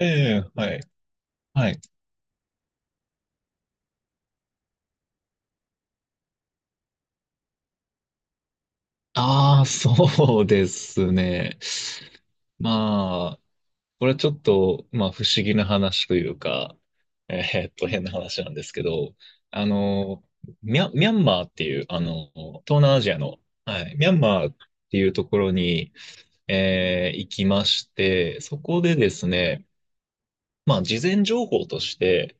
ええ、はい、はい。ああ、そうですね。まあ、これはちょっと、まあ、不思議な話というか、え変な話なんですけど、あの、ミャンマーっていう、東南アジアの、はい、ミャンマーっていうところに、行きまして、そこでですね、まあ、事前情報として、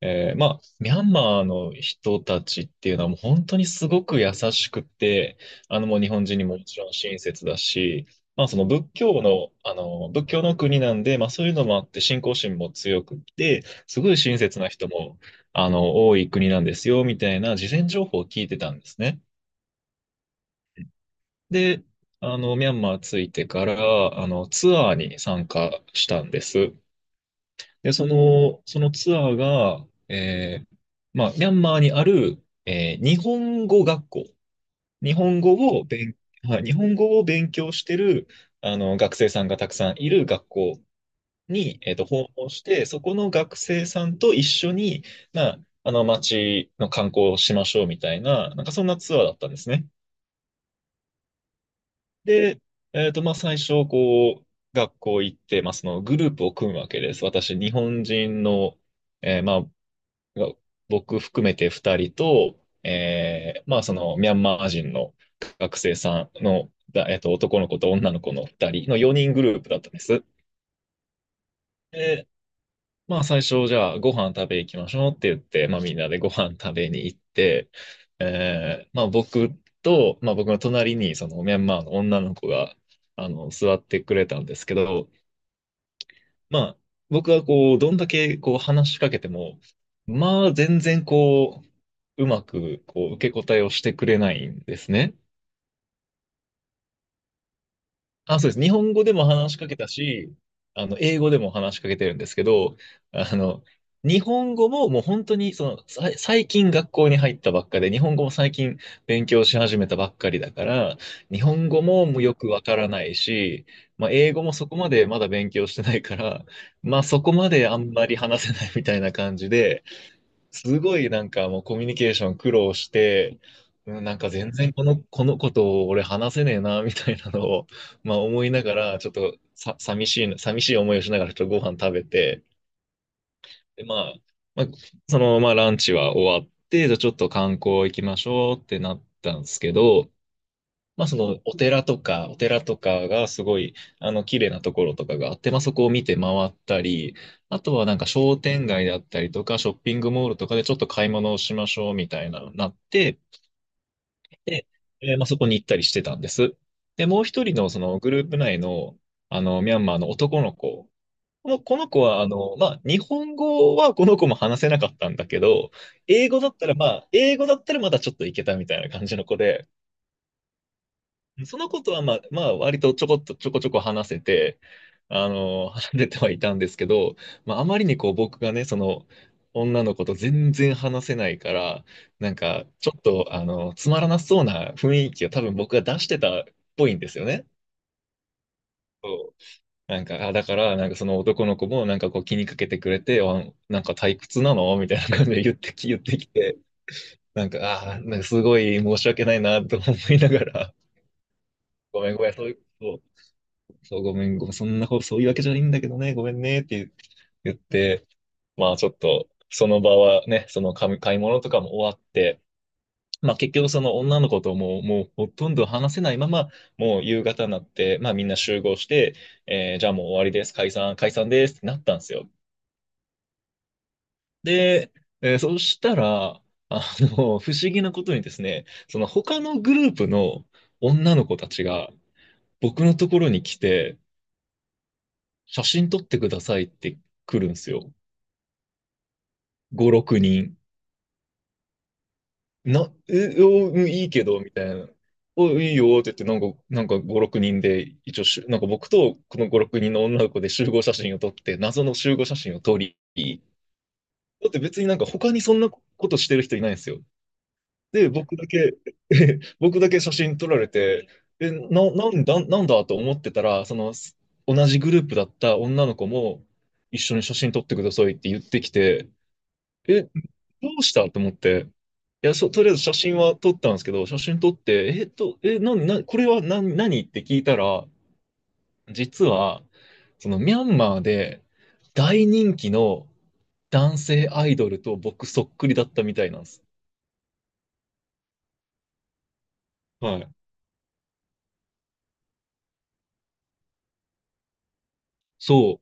ミャンマーの人たちっていうのはもう本当にすごく優しくて、もう日本人にももちろん親切だし、まあその仏教の国なんで、まあそういうのもあって信仰心も強くて、すごい親切な人も、多い国なんですよ、みたいな事前情報を聞いてたんですね。で、ミャンマー着いてから、ツアーに参加したんです。で、そのツアーが、ミャンマーにある、日本語学校、日本語を勉、はい、日本語を勉強してる、学生さんがたくさんいる学校に、訪問して、そこの学生さんと一緒に、まあ、街の観光をしましょうみたいな、なんかそんなツアーだったんですね。で、まあ、最初、こう、学校行って、まあ、そのグループを組むわけです。私、日本人の、えーまあ、が僕含めて2人と、そのミャンマー人の学生さんの、だえっと、男の子と女の子の2人の4人グループだったんです。で、まあ、最初、じゃあ、ご飯食べ行きましょうって言って、まあ、みんなでご飯食べに行って、僕と、まあ、僕の隣にそのミャンマーの女の子が座ってくれたんですけど、まあ、僕はこう、どんだけこう話しかけても、まあ、全然まくこう受け答えをしてくれないんですね。あ、そうです。日本語でも話しかけたし、英語でも話しかけてるんですけど、あの、日本語ももう本当に、その、最近学校に入ったばっかで、日本語も最近勉強し始めたばっかりだから、日本語ももうよくわからないし、まあ、英語もそこまでまだ勉強してないから、まあ、そこまであんまり話せないみたいな感じで、すごいなんかもうコミュニケーション苦労して、うんなんか全然このことを俺話せねえな、みたいなのを、まあ思いながら、ちょっとさ、寂しい思いをしながらちょっとご飯食べて、で、まあ、そのままランチは終わって、じゃあちょっと観光行きましょうってなったんですけど、まあそのお寺とかがすごい、綺麗なところとかがあって、まあそこを見て回ったり、あとはなんか商店街だったりとか、ショッピングモールとかでちょっと買い物をしましょうみたいな、のになって、で、まあそこに行ったりしてたんです。で、もう一人のそのグループ内の、ミャンマーの男の子、この子は、まあ、日本語はこの子も話せなかったんだけど、英語だったら、まあ、英語だったらまだちょっといけたみたいな感じの子で、そのことは、まあ、割とちょこちょこ話せて、話せてはいたんですけど、まあ、あまりにこう、僕がね、その、女の子と全然話せないから、なんか、ちょっと、つまらなそうな雰囲気を多分僕が出してたっぽいんですよね。そうなんか、あ、だから、なんかその男の子も、なんかこう気にかけてくれて、あ、なんか退屈なのみたいな感じで言ってきて、なんか、なんかすごい申し訳ないなと思いながら、ごめんごめん、そういう、そうそう、ごめん、ごめん、そんな、そういうわけじゃないんだけどね、ごめんね、って言って、まあちょっと、その場はね、その買い物とかも終わって、まあ結局その女の子とももうほとんど話せないまま、もう夕方になって、まあみんな集合して、じゃあもう終わりです、解散、解散ですってなったんですよ。で、そしたら、不思議なことにですね、その他のグループの女の子たちが僕のところに来て、写真撮ってくださいって来るんですよ。5、6人。な、え、お、うんいいけど、みたいな。お、いいよって言って、なんか5、6人で、一応しゅ、なんか僕とこの5、6人の女の子で集合写真を撮って、謎の集合写真を撮り、だって別になんか他にそんなことしてる人いないんですよ。で、僕だけ、僕だけ写真撮られて、え、なんだ、なんだと思ってたら、その、同じグループだった女の子も、一緒に写真撮ってくださいって言ってきて、え、どうしたと思って、いや、とりあえず写真は撮ったんですけど、写真撮って、え、これは何、何って聞いたら、実は、そのミャンマーで大人気の男性アイドルと僕そっくりだったみたいなんです。はい。そう、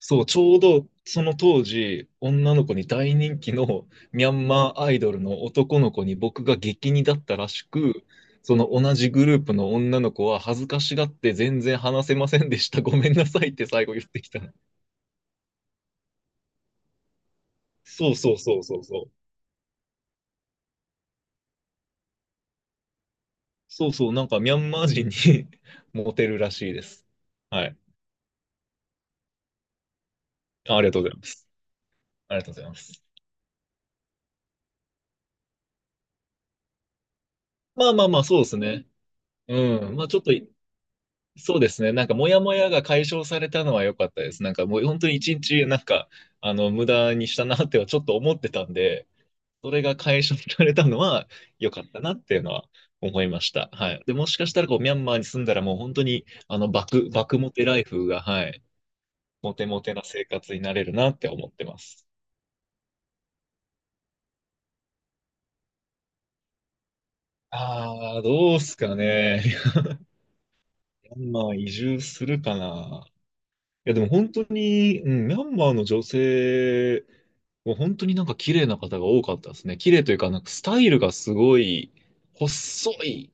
そう、ちょうどその当時、女の子に大人気のミャンマーアイドルの男の子に僕が激似だったらしく、その同じグループの女の子は恥ずかしがって全然話せませんでした。ごめんなさいって最後言ってきた。そうそうそうそうそう。そうそう、なんかミャンマー人に モテるらしいです。はい。ありがとうございます。ありがとうございます。まあまあまあ、そうですね。うん。まあちょっとい、そうですね。なんかモヤモヤが解消されたのは良かったです。なんかもう本当に一日、無駄にしたなってはちょっと思ってたんで、それが解消されたのは良かったなっていうのは思いました。はい。で、もしかしたらこう、ミャンマーに住んだらもう本当に、爆モテライフが、はい。モテモテな生活になれるなって思ってます。ああ、どうすかね。ミャンマー移住するかな。いや、でも本当に、うん、ミャンマーの女性、もう本当になんか綺麗な方が多かったですね。綺麗というか、なんかスタイルがすごい、細い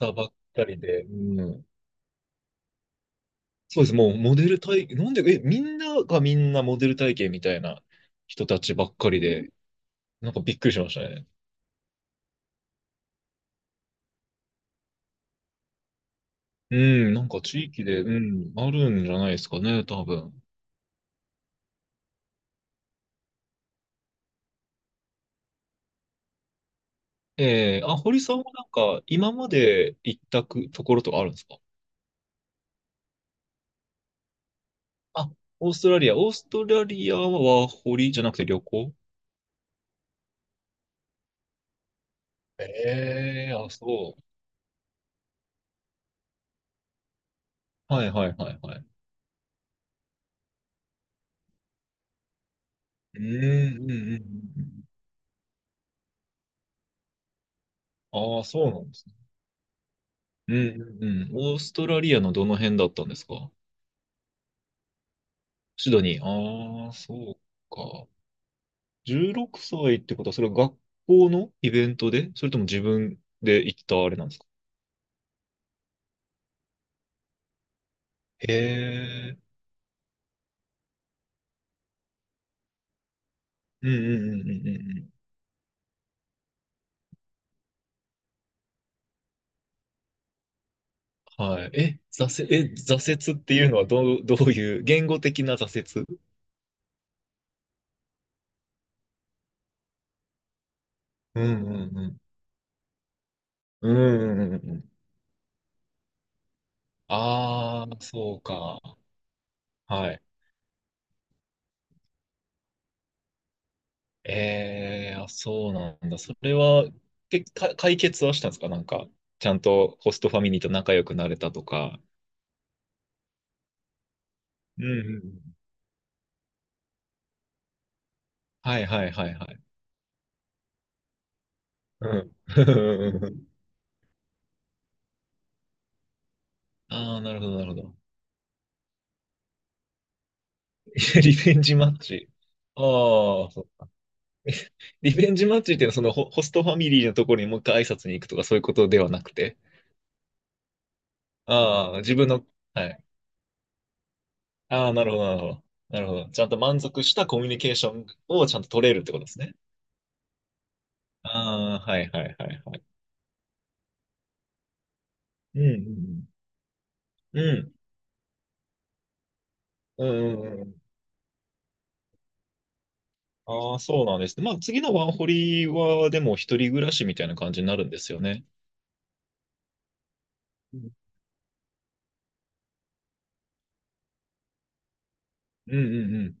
方ばっかりで、うん。そうです。もうモデル体、なんで、え、みんながみんなモデル体型みたいな人たちばっかりで、なんかびっくりしましたね。うん、なんか地域で、うん、あるんじゃないですかね、多分。あ、堀さんはなんか、今まで行ったくところとかあるんですか。あ、オーストラリア。オーストラリアは堀じゃなくて旅行ええー、あ、そう。はいはいはいはい。うん、うん、うん。うんああ、そうなんですね。うん、うん、うん。オーストラリアのどの辺だったんですか。シドニー。ああ、そうか。16歳ってことは、それは学校のイベントで、それとも自分で行ったあれなんですか。へえ、うんうんうんうんうんうん。はい。え、挫折っていうのはどういう、言語的な挫折。うんうんうん。うんうんうんうん。ああ、そうか。はい。ええ、あ、そうなんだ。それは、解決はしたんですかなんか、ちゃんとホストファミリーと仲良くなれたとか。うんうんうん。はいはいはいはい。うん。ああ、なるほどなるほど。リベンジマッチ。ああ、そリベンジマッチっていうのは、そのホストファミリーのところにもう一回挨拶に行くとか、そういうことではなくて。ああ、自分の、はい。ああ、なるほど、なるほど。なるほど。ちゃんと満足したコミュニケーションをちゃんと取れるってことですね。ああ、はいはいはいはい。うんうんうん。うん。うんうんうん。ああ、そうなんですね。まあ、次のワンホリは、でも一人暮らしみたいな感じになるんですよね。うんうんうんうん。